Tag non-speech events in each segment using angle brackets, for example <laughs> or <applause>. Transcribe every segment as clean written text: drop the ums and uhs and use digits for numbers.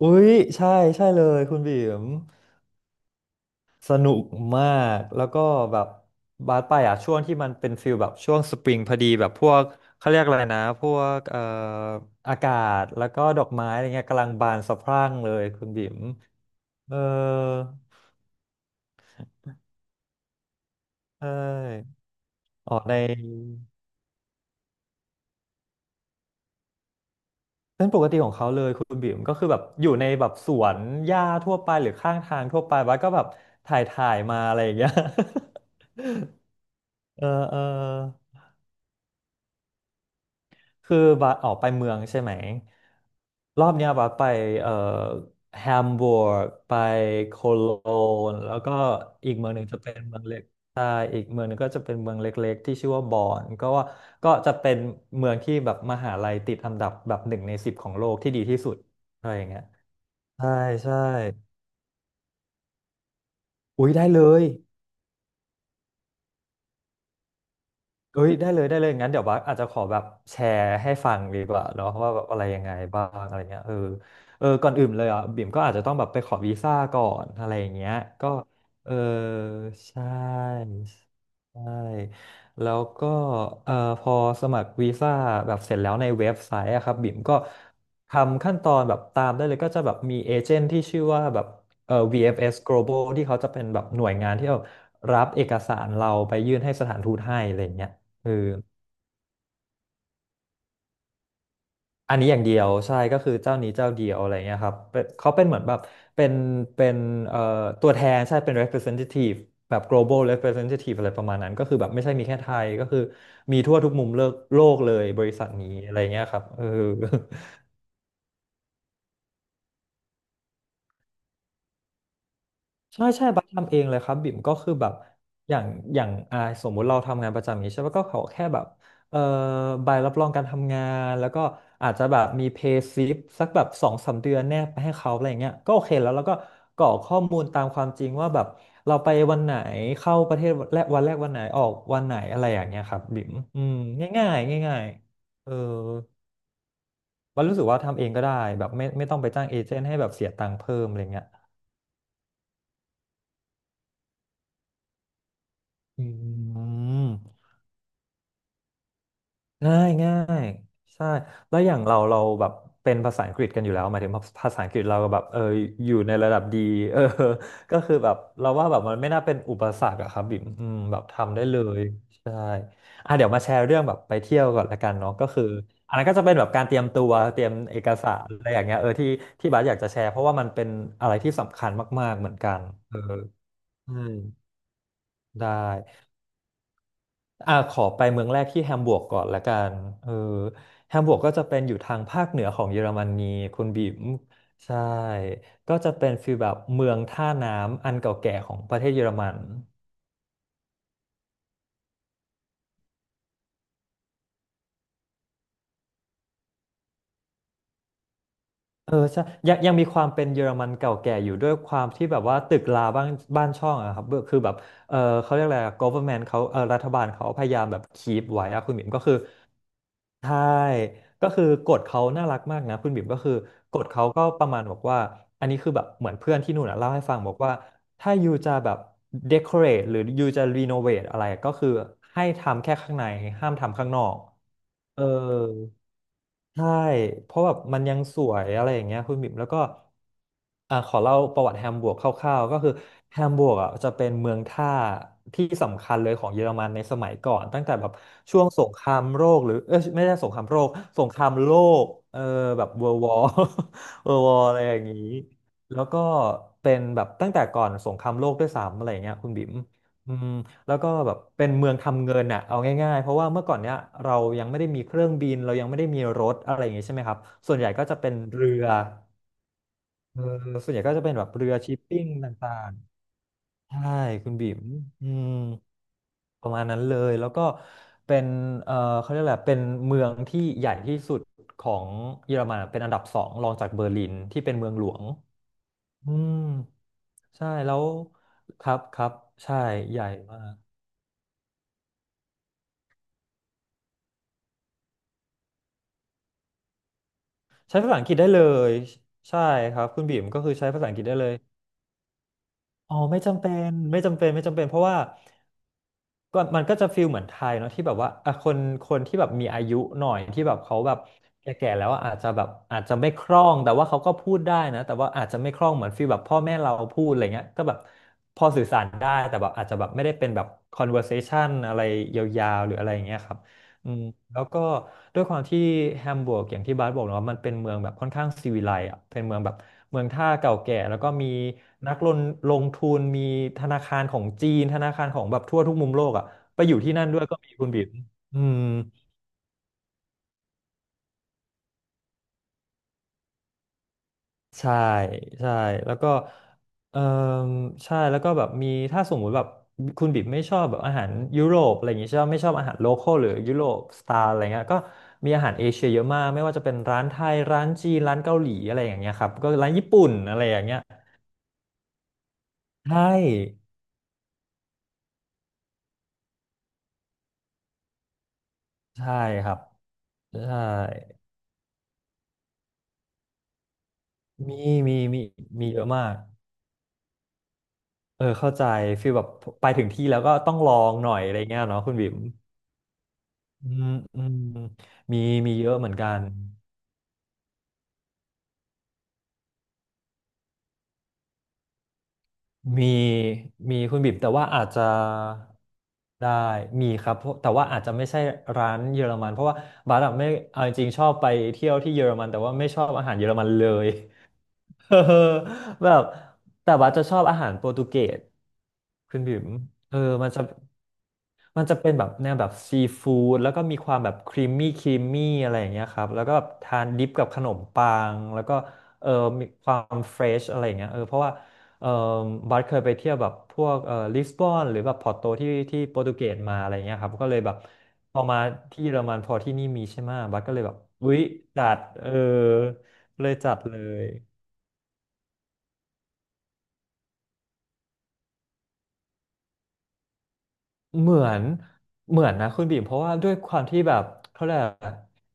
อุ๊ยใช่ใช่เลยคุณบีมสนุกมากแล้วก็แบบบาสไปอ่ะช่วงที่มันเป็นฟิลแบบช่วงสปริงพอดีแบบพวกเขาเรียกอะไรนะพวกอากาศแล้วก็ดอกไม้อะไรเงี้ยกำลังบานสะพรั่งเลยคุณบีมเออใช่ออกในเป็นปกติของเขาเลยคุณบีมก็คือแบบอยู่ในแบบสวนหญ้าทั่วไปหรือข้างทางทั่วไปบาสก็แบบถ่ายถ่ายมาอะไรอย่างเงี้ย <laughs> เออเออ คือบาสออกไปเมืองใช่ไหมรอบเนี้ยบาสไปเอ่อแฮมบูร์กไปโคโลนแล้วก็อีกเมืองหนึ่งจะเป็นเมืองเล็กใช่อีกเมืองหนึงก็จะเป็นเมืองเล็กๆที่ชื่อว่าบอนก็ว่าก็จะเป็นเมืองที่แบบมหาลัยติดอันดับแบบหนึ่งในสิบของโลกที่ดีที่สุดอะไรอย่างเงี้ยใช่ใช่อุ๊ยได้เลย เอ้ยได้เลยได้เลยงั้นเดี๋ยวบัสอาจจะขอแบบแชร์ให้ฟังดีกว่าเนาะว่าแบบอะไรยังไงบ้างอะไรเงี้ยเออเออก่อนอื่นเลยอ่ะบิ่มก็อาจจะต้องแบบไปขอวีซ่าก่อนอะไรอย่างเงี้ยก็เออใช่ใช่แล้วก็เออพอสมัครวีซ่าแบบเสร็จแล้วในเว็บไซต์อะครับบิ่มก็ทำขั้นตอนแบบตามได้เลยก็จะแบบมีเอเจนต์ที่ชื่อว่าแบบเออ VFS Global ที่เขาจะเป็นแบบหน่วยงานที่เอารับเอกสารเราไปยื่นให้สถานทูตให้อะไรอย่างเงี้ย คืออันนี้อย่างเดียวใช่ก็คือเจ้านี้เจ้าเดียวอะไรเงี้ยครับเป็นเขาเป็นเหมือนแบบเป็นเป็นเอ่อตัวแทนใช่เป็น representative แบบ global representative อะไรประมาณนั้นก็คือแบบไม่ใช่มีแค่ไทยก็คือมีทั่วทุกมุมโลกโลกเลยบริษัทนี้อะไรเงี้ยครับเออ ใช่ใช่บัสทำเองเลยครับบิ่มก็คือแบบอย่างสมมุติเราทำงานประจำอย่างนี้ใช่ปะก็เขาแค่แบบเอ่อใบรับรองการทำงานแล้วก็อาจจะแบบมีเพย์ซิปสักแบบสองสามเดือนแนบไปให้เขาอะไรอย่างเงี้ยก็โอเคแล้วแล้วก็กรอกข้อมูลตามความจริงว่าแบบเราไปวันไหนเข้าประเทศแรกวันแรกวันไหนออกวันไหนอะไรอย่างเงี้ยครับบิ่มอืมง่ายๆง่ายๆเออบันรู้สึกว่าทำเองก็ได้แบบไม่ต้องไปจ้างเอเจนต์ให้แบบเสียตังค์เพิ่มอะไรเงี้ยอืม ง่ายง่ายใช่แล้วอย่างเราแบบเป็นภาษาอังกฤษกันอยู่แล้วหมายถึงภาษาอังกฤษเราก็แบบเอออยู่ในระดับดีเออ <laughs> ก็คือแบบเราว่าแบบมันไม่น่าเป็นอุปสรรคอะครับบิ่มอืมแบบทำได้เลยใช่อ่ะเดี๋ยวมาแชร์เรื่องแบบไปเที่ยวก่อนละกันเนาะก็คืออันนั้นก็จะเป็นแบบการเตรียมตัวเตรียมเอกสารอะไรอย่างเงี้ยเออที่ที่บาสอยากจะแชร์เพราะว่ามันเป็นอะไรที่สำคัญมากๆเหมือนกันเออใช่ได้ อ่าขอไปเมืองแรกที่แฮมบูร์กก่อนละกันเออแฮมบูร์กก็จะเป็นอยู่ทางภาคเหนือของเยอรมนีคุณบิ๋มใช่ก็จะเป็นฟีลแบบเมืองท่าน้ำอันเก่าแก่ของประเทศเยอรมันเออใช่ยังมีความเป็นเยอรมันเก่าแก่อยู่ด้วยความที่แบบว่าตึกราบ้านบ้านช่องอะครับเบอร์คือแบบเออเขาเรียกอะไรอะ government เขาเออรัฐบาลเขาพยายามแบบคีปไว้อะคุณบิมก็คือ ใช่ก็คือกฎเขาน่ารักมากนะคุณบิ่มก็คือกฎเขาก็ประมาณบอกว่าอันนี้คือแบบเหมือนเพื่อนที่นู่นอะเล่าให้ฟังบอกว่าถ้ายูจะแบบ decorate หรือยูจะ renovate อะไรก็คือให้ทำแค่ข้างในห้ามทำข้างนอกเออ ใช่ เพราะแบบมันยังสวยอะไรอย่างเงี้ยคุณบิ่มแล้วก็อ่าขอเล่าประวัติแฮมบวร์กคร่าวๆก็คือแฮมบวร์กอ่ะจะเป็นเมืองท่าที่สำคัญเลยของเยอรมันในสมัยก่อนตั้งแต่แบบช่วงสงครามโลกหรือเอยไม่ใช่สงครามโลกสงครามโลกเออแบบอร์วอร์ <laughs> อะไรอย่างงี้แล้วก็เป็นแบบตั้งแต่ก่อนสงครามโลกด้วยซ้ำอะไรอย่างเงี้ยคุณบิ่มอืม แล้วก็แบบเป็นเมืองทำเงินน่ะเอาง่ายๆ เพราะว่าเมื่อก่อนเนี้ยเรายังไม่ได้มีเครื่องบินเรายังไม่ได้มีรถอะไรอย่างงี้ใช่ไหมครับส่วนใหญ่ก็จะเป็นเรือเออส่วนใหญ่ก็จะเป็นแบบเรือชิปปิ้งต่างๆใช่คุณบิ๋มอืมประมาณนั้นเลยแล้วก็เป็นเออเขาเรียกอะไรเป็นเมืองที่ใหญ่ที่สุดของเยอรมันอะเป็นอันดับสองรองจากเบอร์ลินที่เป็นเมืองหลวงอืมใช่แล้วครับครับใช่ใหญ่มาก ใช้ภาษาอังกฤษได้เลยใช่ครับคุณบีมก็คือใช้ภาษาอังกฤษได้เลยอ๋อไม่จำเป็นไม่จำเป็นไม่จำเป็นเพราะว่าก็มันก็จะฟีลเหมือนไทยเนาะที่แบบว่าอ่ะคนที่แบบมีอายุหน่อยที่แบบเขาแบบแก่ๆแล้วอะอาจจะแบบอาจจะไม่คล่องแต่ว่าเขาก็พูดได้นะแต่ว่าอาจจะไม่คล่องเหมือนฟีลแบบพ่อแม่เราพูดอะไรเงี้ยก็แบบพอสื่อสารได้แต่แบบอาจจะแบบไม่ได้เป็นแบบ conversation อะไรยาวๆหรืออะไรอย่างเงี้ยครับ อืมแล้วก็ด้วยความที่แฮมบูร์กอย่างที่บาสบอกเนาะมันเป็นเมืองแบบค่อนข้างซีวิไลซ์อ่ะเป็นเมืองแบบเมืองท่าเก่าแก่แล้วก็มีนักลงทุนมีธนาคารของจีนธนาคารของแบบทั่วทุกมุมโลกอ่ะไปอยู่ที่นั่นด้วยก็มีคุณบิ๋มอืม ใช่ใช่แล้วก็เออใช่แล้วก็แบบมีถ้าสมมุติแบบคุณบิ๊มไม่ชอบแบบอาหารยุโรปอะไรอย่างงี้ใช่ไหมไม่ชอบอาหารโลคอลหรือยุโรปสไตล์อะไรเงี้ยก็มีอาหารเอเชียเยอะมากไม่ว่าจะเป็นร้านไทยร้านจีนร้านเกาหลีอะไรอย่างเงี้ยครับก็ร้านญี่ปุ่นอะไรอย่างเงี้ยใช่ใช่ครับใช่มีมีมีเยอะมากเออเข้าใจฟีลแบบไปถึงที่แล้วก็ต้องลองหน่อยอะไรเงี้ยเนาะคุณบิ๊มอืมอืมมีมีเยอะเหมือนกัน มีมีคุณบิบแต่ว่าอาจจะได้มีครับเพราะแต่ว่าอาจจะไม่ใช่ร้านเยอรมันเพราะว่าบาร์ดไม่เอาจริงๆชอบไปเที่ยวที่เยอรมันแต่ว่าไม่ชอบอาหารเยอรมันเลย <laughs> เออแบบแต่ว่าจะชอบอาหารโปรตุเกสคุณบิ๋มเออมันจะเป็นแบบแนวแบบซีฟู้ดแล้วก็มีความแบบครีมมี่อะไรอย่างเงี้ยครับแล้วก็แบบทานดิปกับขนมปังแล้วก็เออมีความเฟรชอะไรอย่างเงี้ยเออเพราะว่าเออบัสเคยไปเที่ยวแบบพวกเออลิสบอนหรือแบบพอร์โตที่โปรตุเกสมาอะไรเงี้ยครับก็เลยแบบพอมาที่เยอรมันพอที่นี่มีใช่ไหมะบัสก็เลยแบบอุ๊ยจัดเออเลยจัดเลย เหมือนเหมือนนะคุณบีมเพราะว่าด้วยความที่แบบเขาเรียก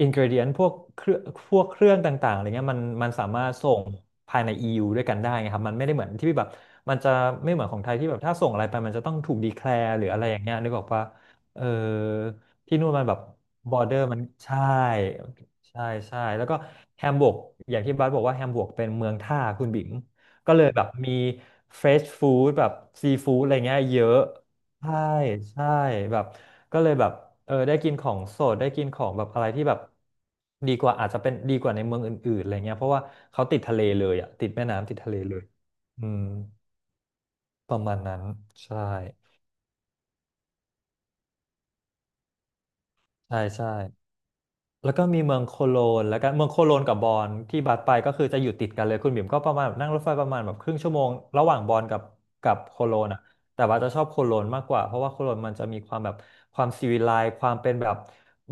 อินกรเดียนพวกเครื่องพวกเครื่องต่างๆอะไรเงี้ยมันสามารถส่งภายใน EU ด้วยกันได้ไงครับมันไม่ได้เหมือนที่แบบมันจะไม่เหมือนของไทยที่แบบถ้าส่งอะไรไปมันจะต้องถูกดีแคลร์หรืออะไรอย่างเงี้ยนึกออกว่าเออที่นู่นมันแบบบอร์เดอร์มันใช่ใช่ใช่แล้วก็แฮมบวร์กอย่างที่บัสบอกว่าแฮมบวร์กเป็นเมืองท่าคุณบิ๋มก็เลยแบบมีเฟรชฟู้ดแบบซีฟู้ดอะไรเงี้ยเยอะ ใช่ใช่แบบก็เลยแบบเออได้กินของสดได้กินของแบบอะไรที่แบบดีกว่าอาจจะเป็นดีกว่าในเมืองอื่นๆอะไรเงี้ยเพราะว่าเขาติดทะเลเลยอ่ะติดแม่น้ำติดทะเลเลยอืมประมาณนั้นใช่ใช่ใช่ แล้วก็มีเมืองโคโลนแล้วก็เมืองโคโลนกับบอนที่บัสไปก็คือจะอยู่ติดกันเลยคุณบิ่มก็ประมาณแบบนั่งรถไฟประมาณแบบครึ่งชั่วโมงระหว่างบอนกับโคโลนอ่ะแต่ว่าจะชอบโคโลนมากกว่าเพราะว่าโคโลนมันจะมีความแบบความซีวิไลซ์ความเป็นแบบ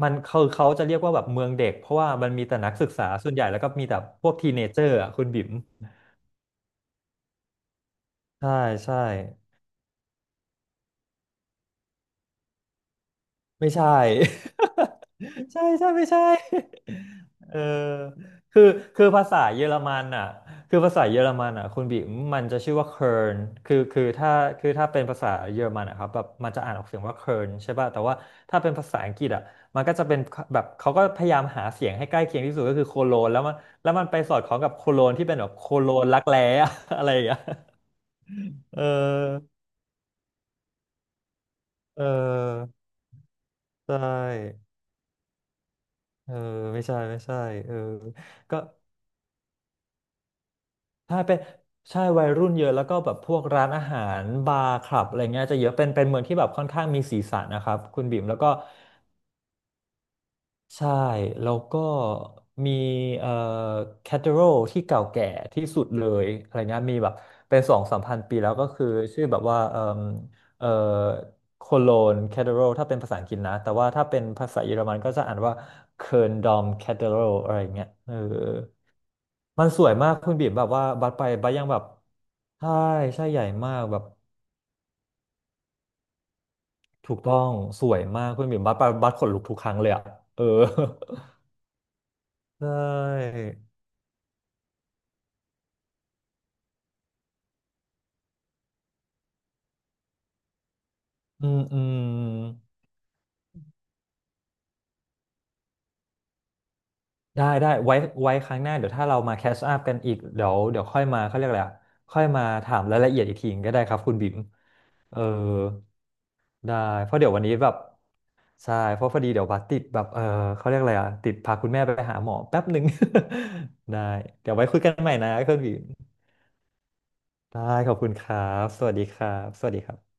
มันเขาจะเรียกว่าแบบเมืองเด็กเพราะว่ามันมีแต่นักศึกษาส่วนใหญ่แล้วก็มีแต่พวกทีเนเจอร์อ่ะคุณบิ่มใช่ใช่ ไม่ใช่ <laughs> ใช่ใช่ไม่ใช่เออคือคือภาษาเยอรมันอ่ะคือภาษาเยอรมันอ่ะคุณบิมมันจะชื่อว่าเคิร์นคือคือถ้าคือถ้าเป็นภาษาเยอรมันอ่ะครับแบบมันจะอ่านออกเสียงว่าเคิร์นใช่ป่ะแต่ว่าถ้าเป็นภาษาอังกฤษอ่ะมันก็จะเป็นแบบเขาก็พยายามหาเสียงให้ใกล้เคียงที่สุดก็คือโคโลนแล้วมันไปสอดคล้องกับโคโลนที่เป็นแบบโคโลนรักแร้อะ <laughs> อะไรอย่างเงี้ยเออเออใช่เออไม่ใช่ไม่ใช่เออก็ ใช่เป็นใช่วัยรุ่นเยอะแล้วก็แบบพวกร้านอาหารบาร์คลับอะไรเงี้ยจะเยอะเป็นเมืองที่แบบค่อนข้างมีสีสันนะครับคุณบิ่มแล้วก็ใช่แล้วก็มีเอ่อแคทเธอรัลที่เก่าแก่ที่สุดเลยอะไรเงี้ยมีแบบเป็นสองสามพันปีแล้วก็คือชื่อแบบว่าเอ่อโคโลนแคทเธอรัลถ้าเป็นภาษาอังกฤษนะแต่ว่าถ้าเป็นภาษาเยอรมันก็จะอ่านว่าเคิร์นดอมแคทเธอรัลอะไรเงี้ยเออ มันสวยมากคุณบีมแบบว่าบัสไปบัสยังแบบใช่ใช่ใหญ่มากแบบถูกต้องสวยมากคุณบีมบัสไปบัสขนลุกทุกครั้งเลยอะเออ <laughs> ใช่อืมอืมได้ได้ไว้ไว้ครั้งหน้าเดี๋ยวถ้าเรามาแคชอัพกันอีกเดี๋ยวเดี๋ยวค่อยมาเขาเรียกอะไรอะค่อยมาถามรายละเอียดอีกทีก็ได้ครับคุณบิมเออ ได้เพราะเดี๋ยววันนี้แบบใช่เพราะพอดีเดี๋ยวบัสติดแบบเออเขาเรียกอะไรอ่ะติดพาคุณแม่ไปหาหมอแป๊บหนึ่ง <laughs> ได้เดี๋ยวไว้คุยกันใหม่นะเครื่องบินได้ขอบคุณครับสวัสดีครับสวัสดีครับ